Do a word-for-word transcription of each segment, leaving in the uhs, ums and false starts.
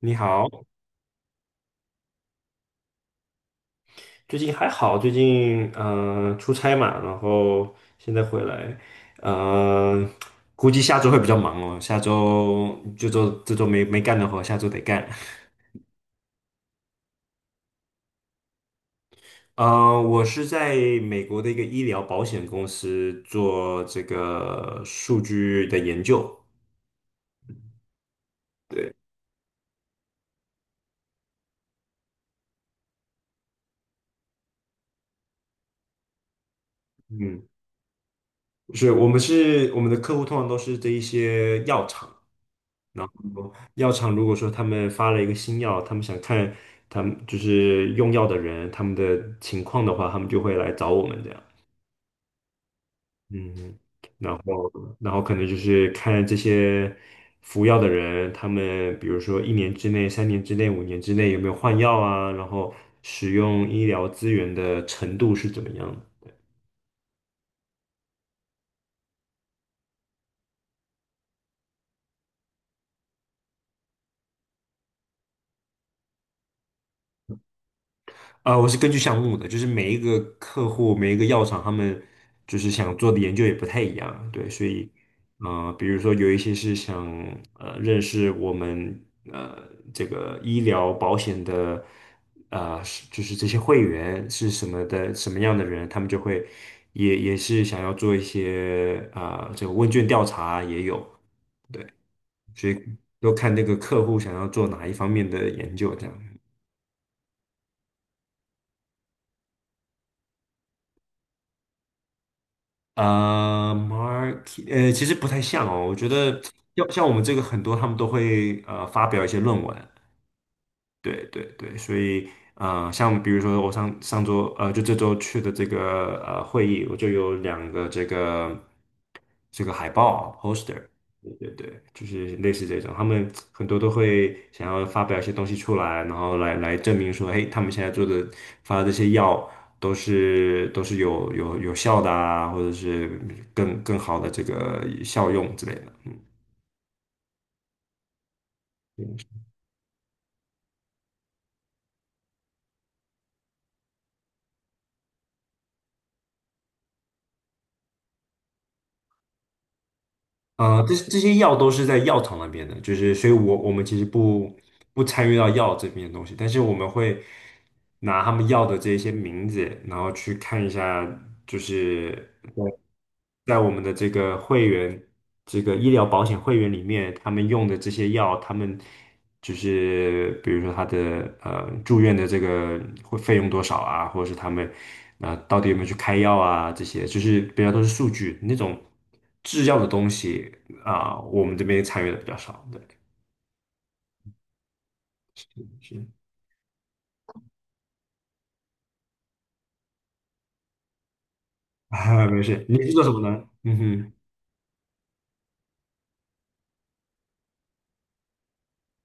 你好，最近还好，最近嗯，出差嘛，然后现在回来，嗯，估计下周会比较忙哦，下周这周这周没没干的活，下周得干。呃，我是在美国的一个医疗保险公司做这个数据的研究，对，嗯，是我们是我们的客户通常都是这一些药厂。然后药厂如果说他们发了一个新药，他们想看他们就是用药的人他们的情况的话，他们就会来找我们这样。嗯，然后然后可能就是看这些服药的人，他们比如说一年之内、三年之内、五年之内有没有换药啊，然后使用医疗资源的程度是怎么样的。呃，我是根据项目的，就是每一个客户、每一个药厂，他们就是想做的研究也不太一样，对，所以，呃，比如说有一些是想呃认识我们呃这个医疗保险的呃是就是这些会员是什么的什么样的人，他们就会也也是想要做一些啊、这个问卷调查也有，对，所以都看那个客户想要做哪一方面的研究这样。呃，market，呃，其实不太像哦。我觉得要像我们这个很多，他们都会呃发表一些论文，对对对，所以呃，像比如说我上上周呃，就这周去的这个呃会议，我就有两个这个这个海报 poster，对对对，就是类似这种，他们很多都会想要发表一些东西出来，然后来来证明说，嘿，他们现在做的发的这些药都是都是有有有效的啊，或者是更更好的这个效用之类的，嗯。呃，这这些药都是在药厂那边的，就是所以我我们其实不不参与到药这边的东西，但是我们会拿他们药的这一些名字，然后去看一下，就是在在我们的这个会员这个医疗保险会员里面，他们用的这些药，他们就是比如说他的呃住院的这个会费用多少啊，或者是他们啊、呃到底有没有去开药啊，这些就是比较都是数据那种。制药的东西啊、我们这边参与的比较少。对，是啊，没事。你是做什么呢？嗯哼，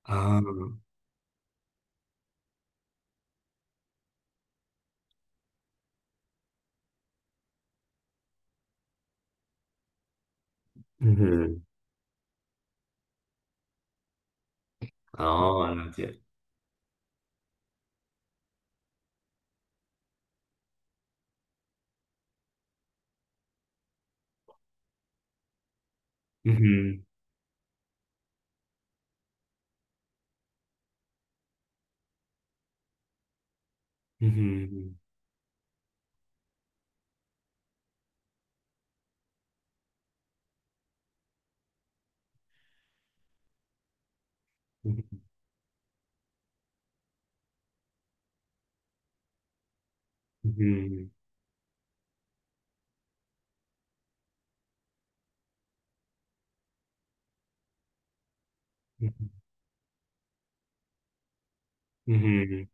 啊，嗯哼，哦，了解。嗯哼，嗯哼，嗯哼，嗯哼，嗯哼，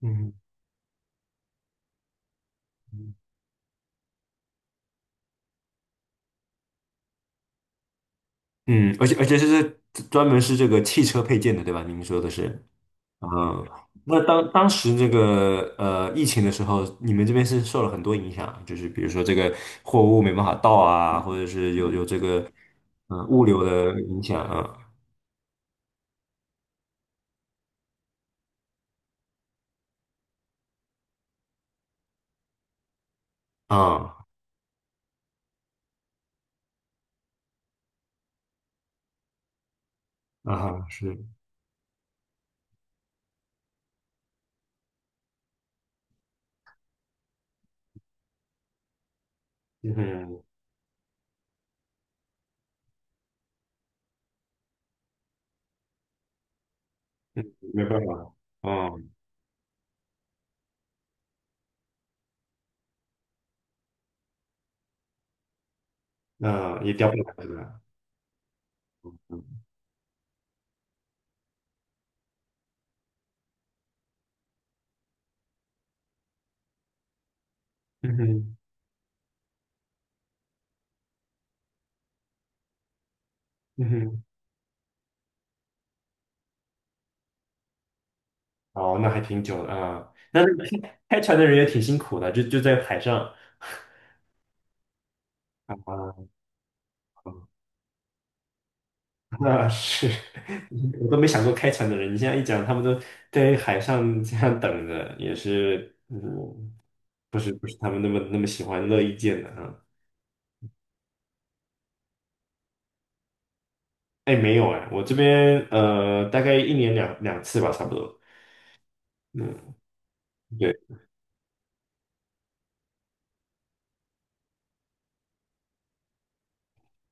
嗯哼，嗯，而且而且这是专门是这个汽车配件的，对吧？您说的是。啊，那当当时这个呃疫情的时候，你们这边是受了很多影响，就是比如说这个货物没办法到啊，或者是有有这个嗯、呃物流的影响啊啊啊是，嗯，没办法，嗯，那、也调不来是吧？嗯嗯哼嗯哼，哦，那还挺久的啊，那那开开船的人也挺辛苦的，就就在海上啊，那是。我都没想过开船的人，你现在一讲，他们都在海上这样等着，也是，嗯，不是不是他们那么那么喜欢乐意见的啊。哎，没有哎，我这边呃，大概一年两两次吧，差不多。嗯，对，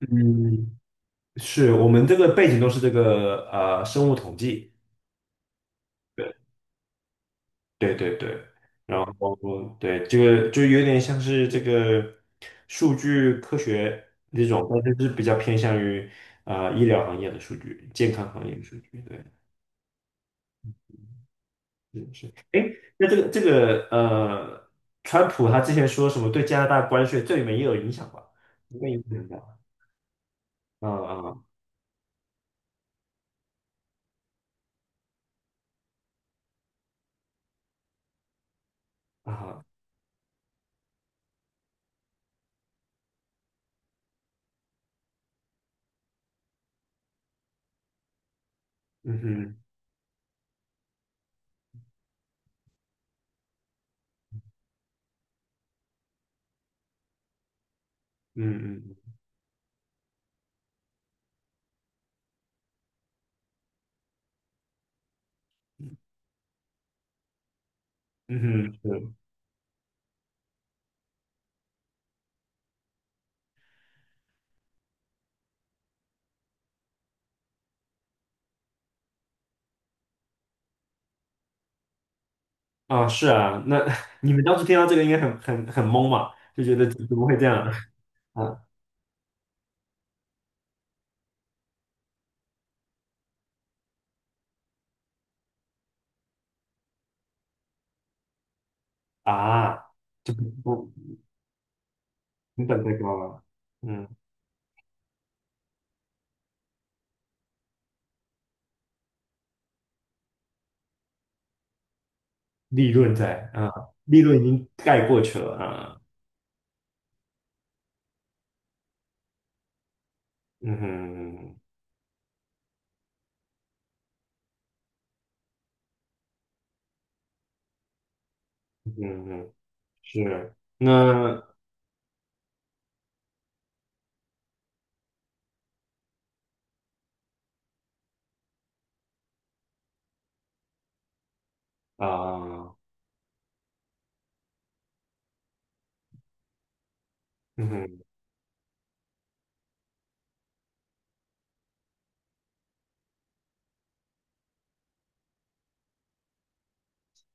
嗯，是我们这个背景都是这个呃生物统计。对。对对对，然后对这个就有点像是这个数据科学那种，但是是比较偏向于啊医疗行业的数据、健康行业的数据。对，是是。哎，那这个这个呃，川普他之前说什么对加拿大关税这里面也有影响吧？应该有影响吧。啊啊啊！嗯哼，嗯嗯嗯哼，是啊是啊。那 你们当时听到这个应该很很很懵嘛，就觉得怎么会这样？啊？啊啊，就不成本太高了，嗯，利润在啊，利润已经盖过去了啊，嗯哼，嗯哼，是，那啊，嗯哼，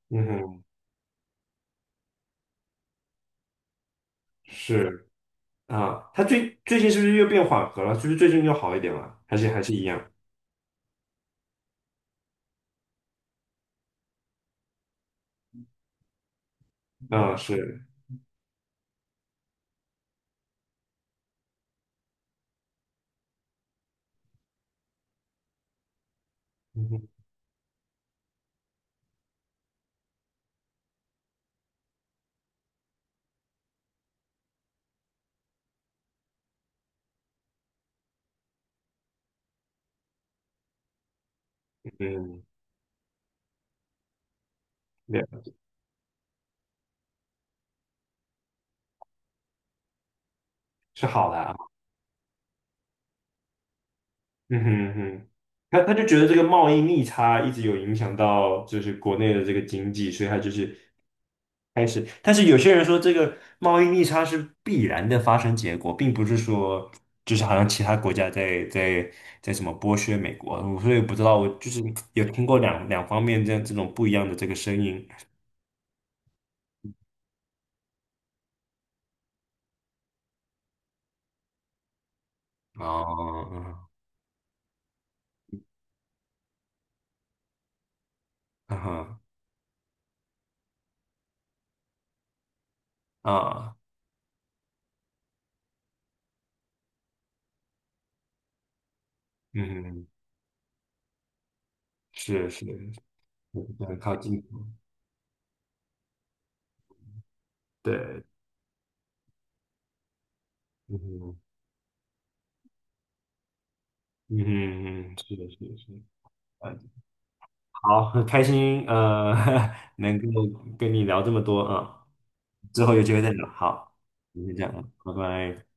嗯哼，是啊，它最最近是不是又变缓和了？就是最近又好一点了，还是还是一样？啊，是，嗯哼，嗯，嗯对，是好的啊。嗯哼嗯哼，他他就觉得这个贸易逆差一直有影响到就是国内的这个经济，所以他就是开始。但是有些人说这个贸易逆差是必然的发生结果，并不是说就是好像其他国家在在在什么剥削美国，我所以不知道，我就是有听过两两方面这样这种不一样的这个声音。哦，嗯哼啊，嗯哼，是是，很靠近，对，嗯哼。嗯嗯，嗯是的，是的，是的，呃，好，很开心，呃，能够跟你聊这么多啊，之后有机会再聊，好，今天这样啊，拜拜。